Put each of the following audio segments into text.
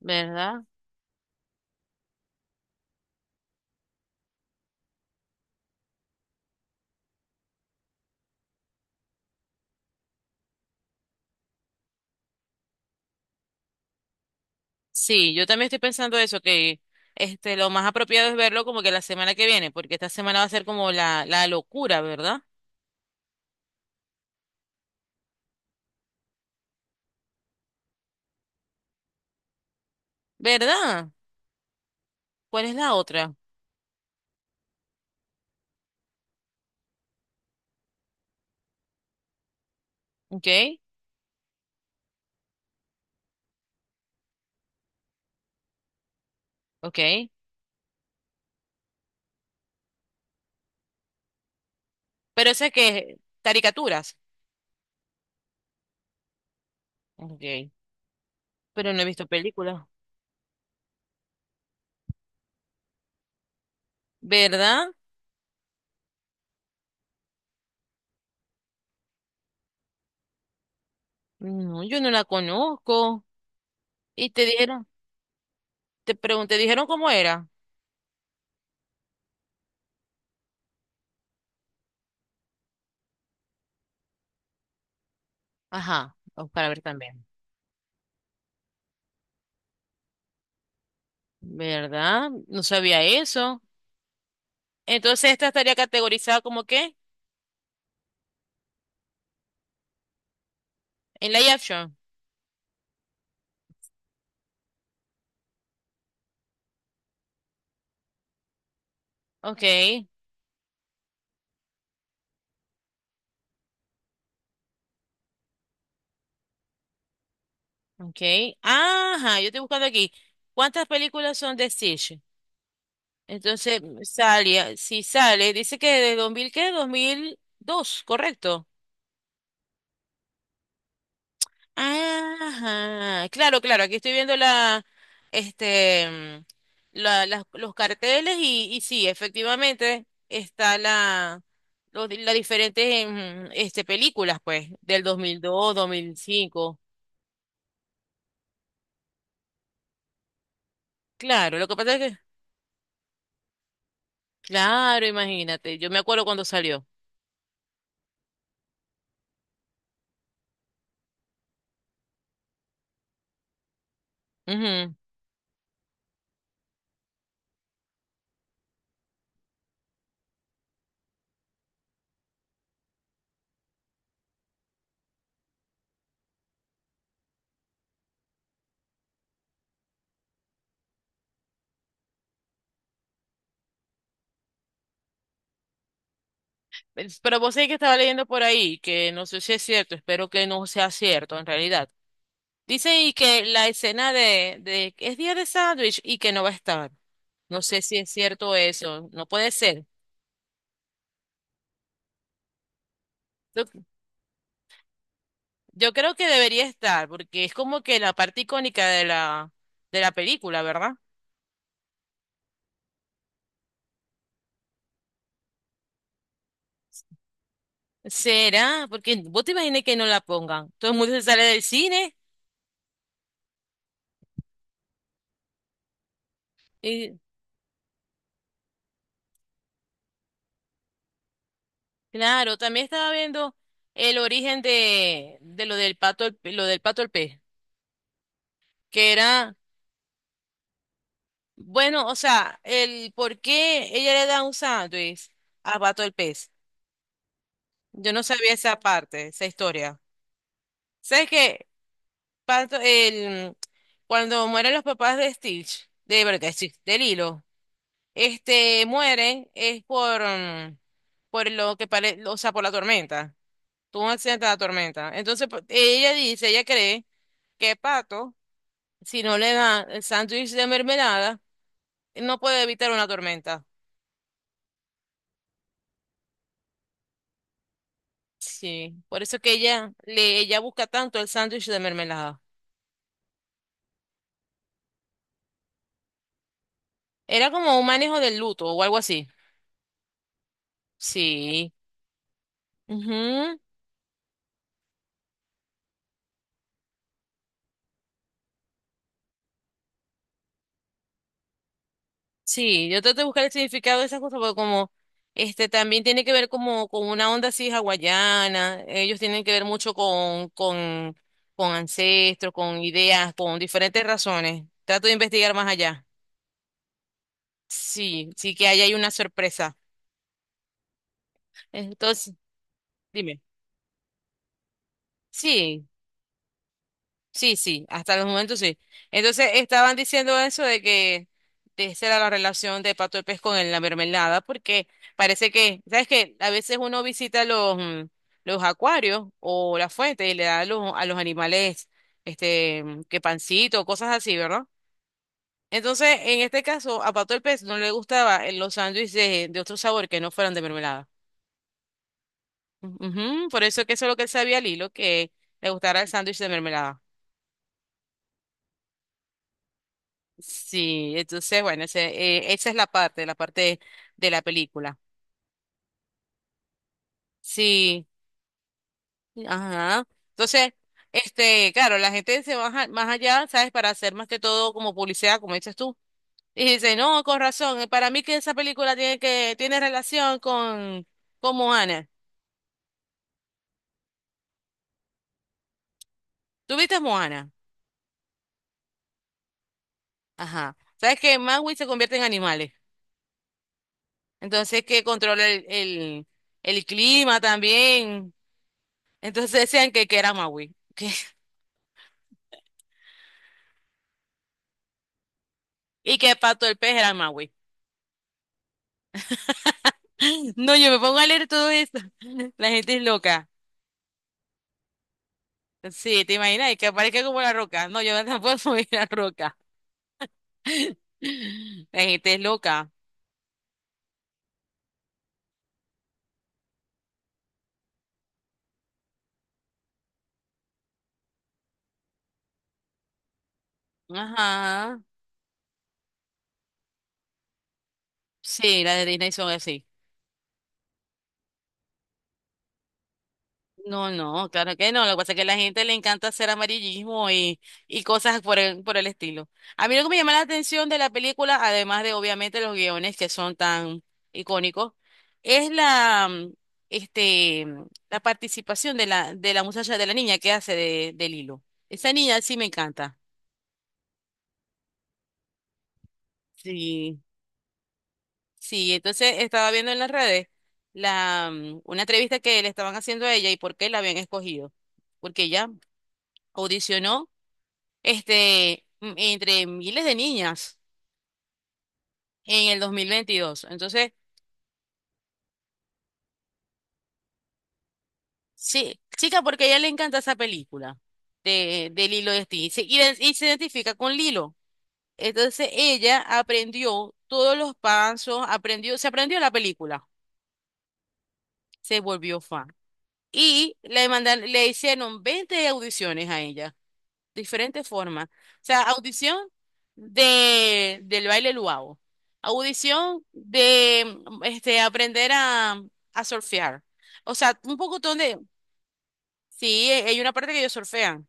¿Verdad? Sí, yo también estoy pensando eso, que lo más apropiado es verlo como que la semana que viene, porque esta semana va a ser como la locura, ¿verdad? ¿Verdad? ¿Cuál es la otra? Ok. Ok. Pero esa que caricaturas. Ok. Pero no he visto películas. ¿Verdad? No, yo no la conozco. Y te dijeron, te pregunté, ¿dijeron cómo era? Ajá, o para ver también. ¿Verdad? No sabía eso. Entonces esta estaría categorizada ¿como qué? En la action. Ok. Ok. Ajá, yo estoy buscando aquí. ¿Cuántas películas son de Stitch? Entonces, sale, si sale, dice que de 2000 ¿qué? 2002, correcto. Ajá, claro, claro, aquí estoy viendo este, mm, los carteles y sí, efectivamente está las diferentes, películas, pues, del 2002, dos mil cinco. Claro, lo que pasa es que, claro, imagínate, yo me acuerdo cuando salió. Ujú. Pero vos sabés que estaba leyendo por ahí, que no sé si es cierto, espero que no sea cierto en realidad. Dice y que la escena de es día de sándwich y que no va a estar. No sé si es cierto eso, no puede ser. Yo, yo creo que debería estar, porque es como que la parte icónica de la película, ¿verdad? ¿Será? Porque vos te imaginas que no la pongan. Todo el mundo se sale del cine. Y claro, también estaba viendo el origen de lo del pato, lo del pato al pez. Que era, bueno, o sea, el por qué ella le da un sándwich a Pato el pez. Yo no sabía esa parte, esa historia. ¿Sabes qué? Pato, el, cuando mueren los papás de Stitch, de, verdad, de Stitch, de Lilo, mueren es por, por lo que parece, o sea, por la tormenta. Tuvo un accidente de la tormenta. Entonces, ella dice, ella cree que Pato, si no le da el sándwich de mermelada, no puede evitar una tormenta. Sí, por eso que ella busca tanto el sándwich de mermelada. Era como un manejo del luto o algo así. Sí. Ujú. Sí, yo trato de buscar el significado de esas cosas porque como este también tiene que ver como con una onda así hawaiana, ellos tienen que ver mucho con ancestros, con ideas, con diferentes razones. Trato de investigar más allá. Sí, sí que ahí hay una sorpresa. Entonces, dime. Sí. Sí, sí, hasta los momentos sí. Entonces estaban diciendo eso de que de esa era la relación de Pato de Pez con la mermelada, porque parece que, ¿sabes qué? A veces uno visita los acuarios o la fuente y le da a a los animales que pancito, cosas así, ¿verdad? Entonces, en este caso, a Pato el Pez no le gustaba los sándwiches de otro sabor que no fueran de mermelada. Ujú, por eso que eso es lo que él sabía Lilo, que le gustara el sándwich de mermelada. Sí, entonces, bueno, esa es la parte de la película. Sí, ajá. Entonces, claro, la gente se va más allá, ¿sabes? Para hacer más que todo como publicidad, como dices tú. Y dice, no, con razón, para mí que esa película tiene relación con Moana. ¿Tú viste Moana? Ajá. ¿Sabes que Maui se convierte en animales? Entonces, que controla el clima también. Entonces decían que era Maui. Que... y que Pato el Pez era Maui. No, yo me pongo a leer todo esto. La gente es loca. Sí, ¿te imaginas? Y que aparezca como la roca. No, yo no puedo subir la roca. La gente es loca. Ajá. Sí, las de Disney son así. No, no, claro que no. Lo que pasa es que a la gente le encanta hacer amarillismo y cosas por el estilo. A mí lo que me llama la atención de la película, además de obviamente los guiones que son tan icónicos, es la, mm, este, mm, la participación de la muchacha, de la niña que hace de Lilo. Esa niña sí me encanta. Sí, sí. Entonces estaba viendo en las redes una entrevista que le estaban haciendo a ella y por qué la habían escogido. Porque ella audicionó entre miles de niñas en el 2022. Entonces, sí, chica, porque a ella le encanta esa película de Lilo y Stitch. Y se identifica con Lilo. Entonces, ella aprendió todos los pasos, aprendió, se aprendió la película, se volvió fan. Le hicieron 20 audiciones a ella. Diferentes formas. O sea, audición del baile luau, audición de aprender a surfear. O sea, un poco donde, sí, hay una parte que ellos surfean,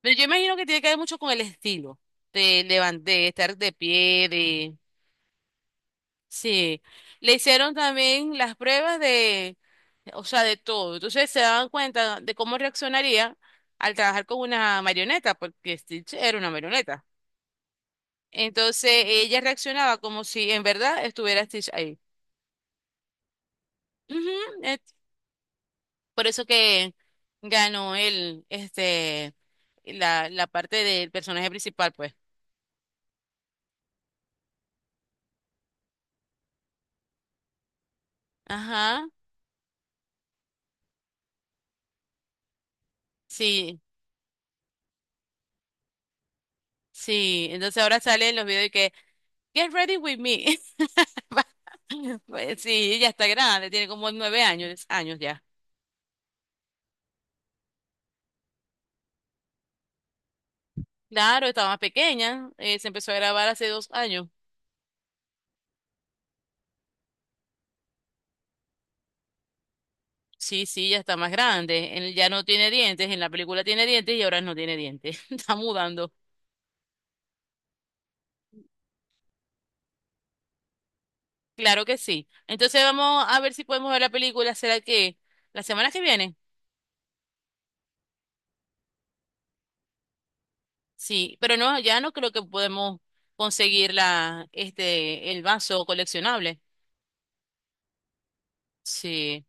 pero yo imagino que tiene que ver mucho con el estilo de, levantar, de estar de pie, de... Sí, le hicieron también las pruebas de, o sea, de todo. Entonces se daban cuenta de cómo reaccionaría al trabajar con una marioneta, porque Stitch era una marioneta. Entonces ella reaccionaba como si en verdad estuviera Stitch ahí. Ujú. eh, Por eso que ganó la parte del personaje principal, pues. Ajá, sí, sí. Entonces ahora sale en los videos y que, Get ready with me. Pues sí, ella está grande, tiene como 9 años, años ya. Claro, estaba más pequeña, se empezó a grabar hace 2 años. Sí, sí, ya está más grande. Él ya no tiene dientes, en la película tiene dientes y ahora no tiene dientes. Está mudando. Claro que sí. Entonces vamos a ver si podemos ver la película. ¿Será que la semana que viene? Sí, pero no, ya no creo que podemos conseguir el vaso coleccionable. Sí.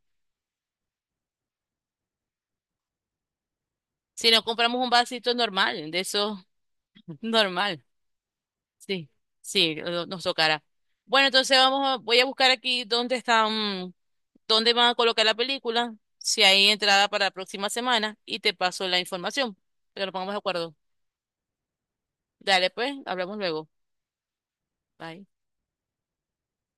Si nos compramos un vasito normal, de eso normal. Sí, sí, nos tocará. Bueno, entonces voy a buscar aquí dónde van a colocar la película, si hay entrada para la próxima semana y te paso la información, para que nos pongamos de acuerdo. Dale, pues, hablamos luego. Bye.